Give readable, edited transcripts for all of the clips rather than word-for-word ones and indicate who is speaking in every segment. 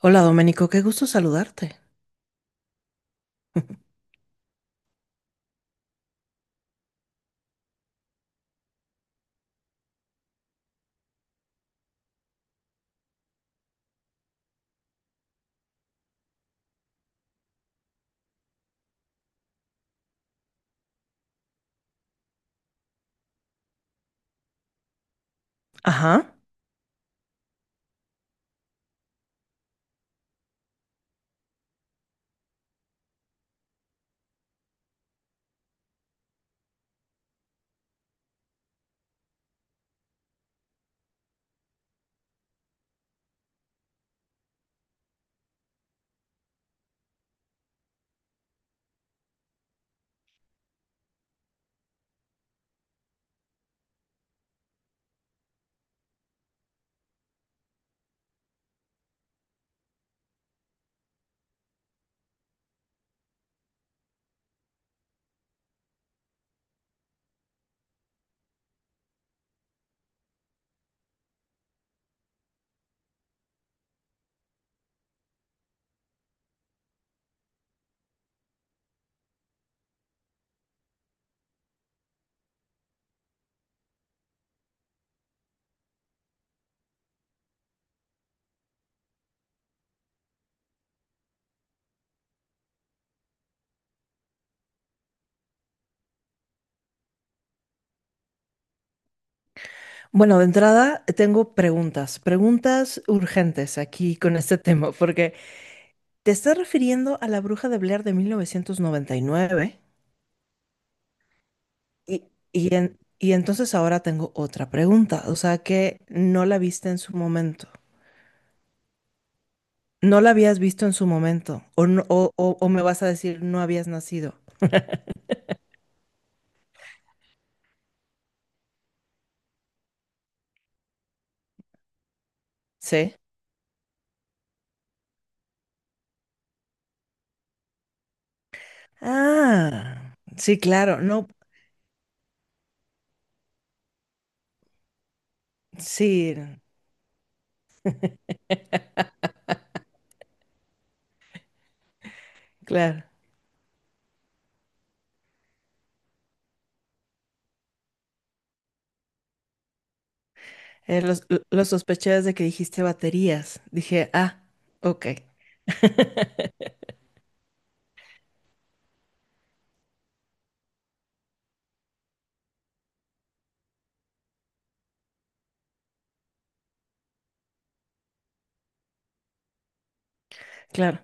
Speaker 1: Hola Doménico, qué gusto saludarte. Ajá. Bueno, de entrada tengo preguntas urgentes aquí con este tema, porque te estás refiriendo a la Bruja de Blair de 1999 y, y entonces ahora tengo otra pregunta, o sea que no la viste en su momento, no la habías visto en su momento, o me vas a decir no habías nacido, ¿sí? Ah, sí, claro, no, sí, claro. Los, lo sospeché desde que dijiste baterías, dije, ah, ok. Claro.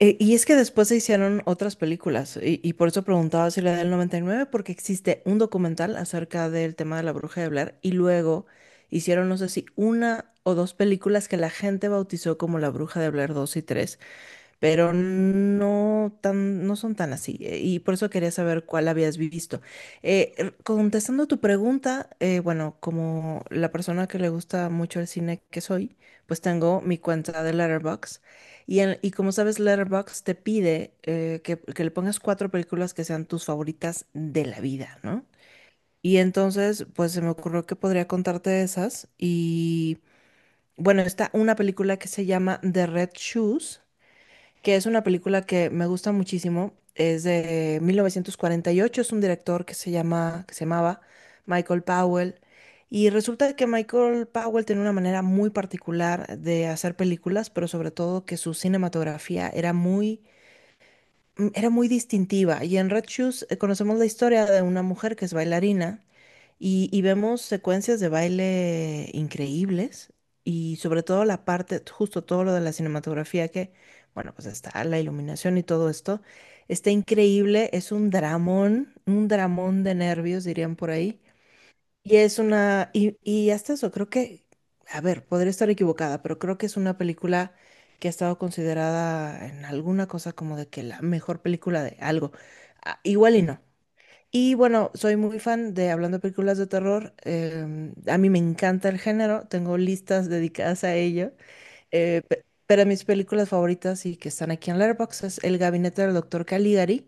Speaker 1: Y es que después se hicieron otras películas, y por eso preguntaba si la del 99 porque existe un documental acerca del tema de la bruja de Blair, y luego hicieron, no sé si una o dos películas que la gente bautizó como La Bruja de Blair 2 y 3 pero no son tan así. Y por eso quería saber cuál habías visto. Contestando tu pregunta, bueno, como la persona que le gusta mucho el cine que soy, pues tengo mi cuenta de Letterboxd. Y como sabes, Letterboxd te pide que le pongas cuatro películas que sean tus favoritas de la vida, ¿no? Y entonces, pues se me ocurrió que podría contarte esas. Y bueno, está una película que se llama The Red Shoes que es una película que me gusta muchísimo. Es de 1948, es un director que se llamaba Michael Powell. Y resulta que Michael Powell tenía una manera muy particular de hacer películas, pero sobre todo que su cinematografía era muy distintiva. Y en Red Shoes conocemos la historia de una mujer que es bailarina y vemos secuencias de baile increíbles y sobre todo la parte, justo todo lo de la cinematografía que, bueno, pues está la iluminación y todo esto, está increíble, es un dramón de nervios, dirían por ahí. Y hasta eso, creo que, a ver, podría estar equivocada, pero creo que es una película que ha estado considerada en alguna cosa como de que la mejor película de algo. Ah, igual y no. Y bueno, soy muy fan de, hablando de películas de terror, a mí me encanta el género, tengo listas dedicadas a ello. Pero mis películas favoritas y que están aquí en Letterboxd es El Gabinete del Doctor Caligari,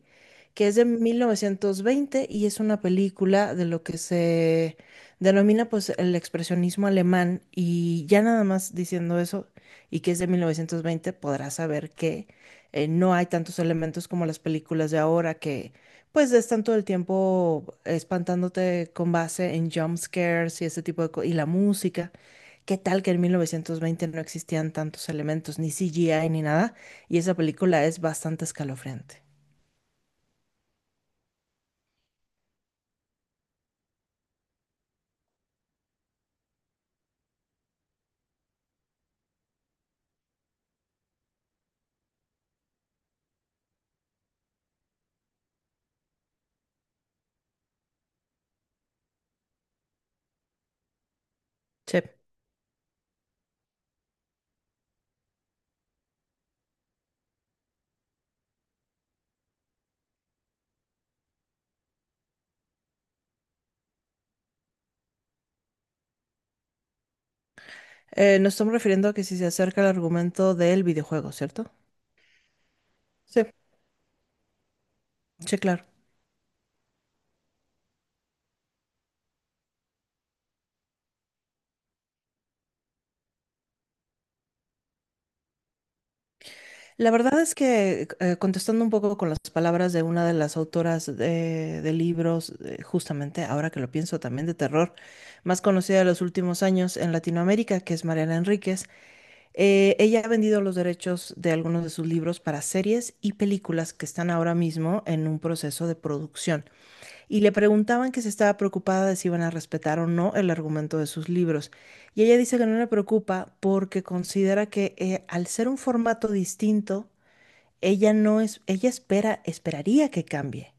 Speaker 1: que es de 1920 y es una película de lo que se denomina pues el expresionismo alemán y ya nada más diciendo eso y que es de 1920 podrás saber que no hay tantos elementos como las películas de ahora que pues están todo el tiempo espantándote con base en jump scares y ese tipo de cosas y la música. ¿Qué tal que en 1920 no existían tantos elementos, ni CGI ni nada? Y esa película es bastante escalofriante. Sí. Nos estamos refiriendo a que si se acerca el argumento del videojuego, ¿cierto? Sí, sí, claro. La verdad es que, contestando un poco con las palabras de una de las autoras de libros, justamente ahora que lo pienso también de terror, más conocida de los últimos años en Latinoamérica, que es Mariana Enríquez, ella ha vendido los derechos de algunos de sus libros para series y películas que están ahora mismo en un proceso de producción. Y le preguntaban que si estaba preocupada de si iban a respetar o no el argumento de sus libros. Y ella dice que no le preocupa porque considera que al ser un formato distinto, ella no es, ella espera, esperaría que cambie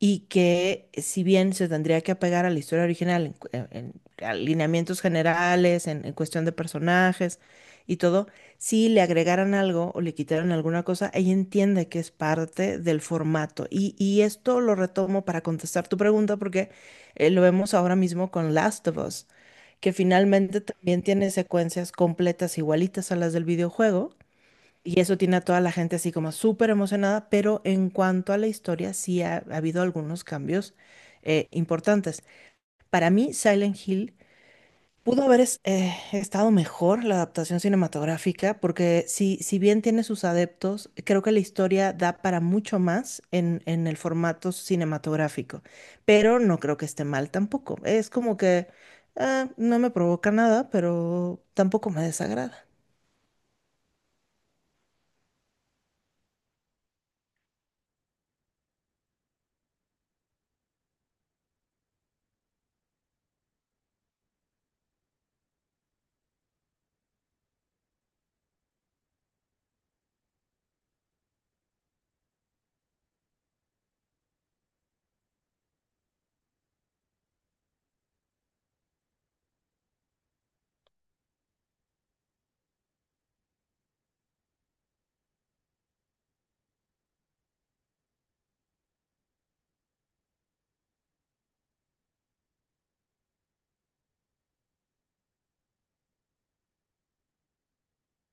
Speaker 1: y que si bien se tendría que apegar a la historia original en alineamientos generales, en cuestión de personajes y todo, si le agregaran algo o le quitaran alguna cosa, ella entiende que es parte del formato. Y esto lo retomo para contestar tu pregunta porque lo vemos ahora mismo con Last of Us, que finalmente también tiene secuencias completas igualitas a las del videojuego y eso tiene a toda la gente así como súper emocionada, pero en cuanto a la historia sí ha habido algunos cambios importantes. Para mí, Silent Hill pudo haber estado mejor la adaptación cinematográfica, porque si bien tiene sus adeptos, creo que la historia da para mucho más en el formato cinematográfico, pero no creo que esté mal tampoco. Es como que ah, no me provoca nada, pero tampoco me desagrada.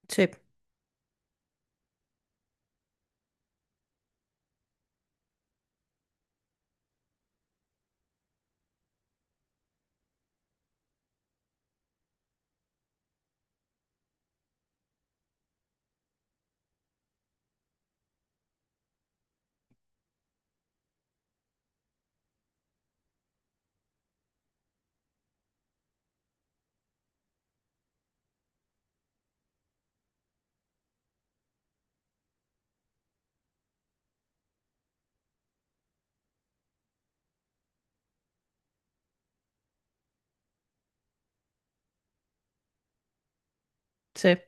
Speaker 1: Sí, sí.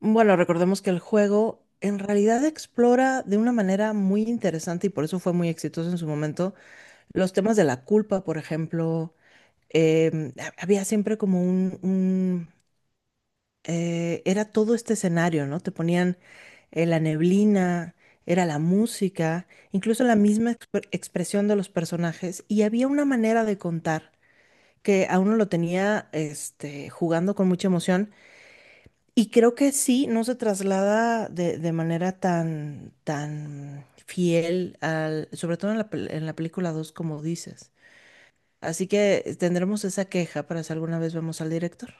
Speaker 1: Bueno, recordemos que el juego en realidad explora de una manera muy interesante y por eso fue muy exitoso en su momento los temas de la culpa, por ejemplo. Había siempre como era todo este escenario, ¿no? Te ponían la neblina, era la música, incluso la misma expresión de los personajes y había una manera de contar que a uno lo tenía jugando con mucha emoción. Y creo que sí, no se traslada de manera tan, tan fiel sobre todo en la película 2 como dices. Así que tendremos esa queja para si alguna vez vemos al director.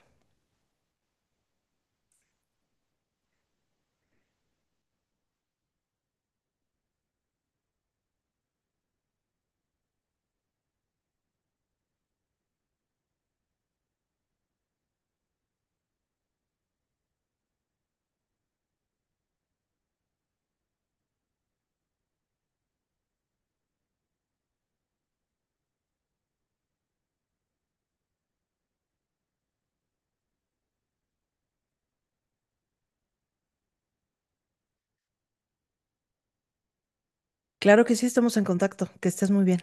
Speaker 1: Claro que sí, estamos en contacto. Que estés muy bien.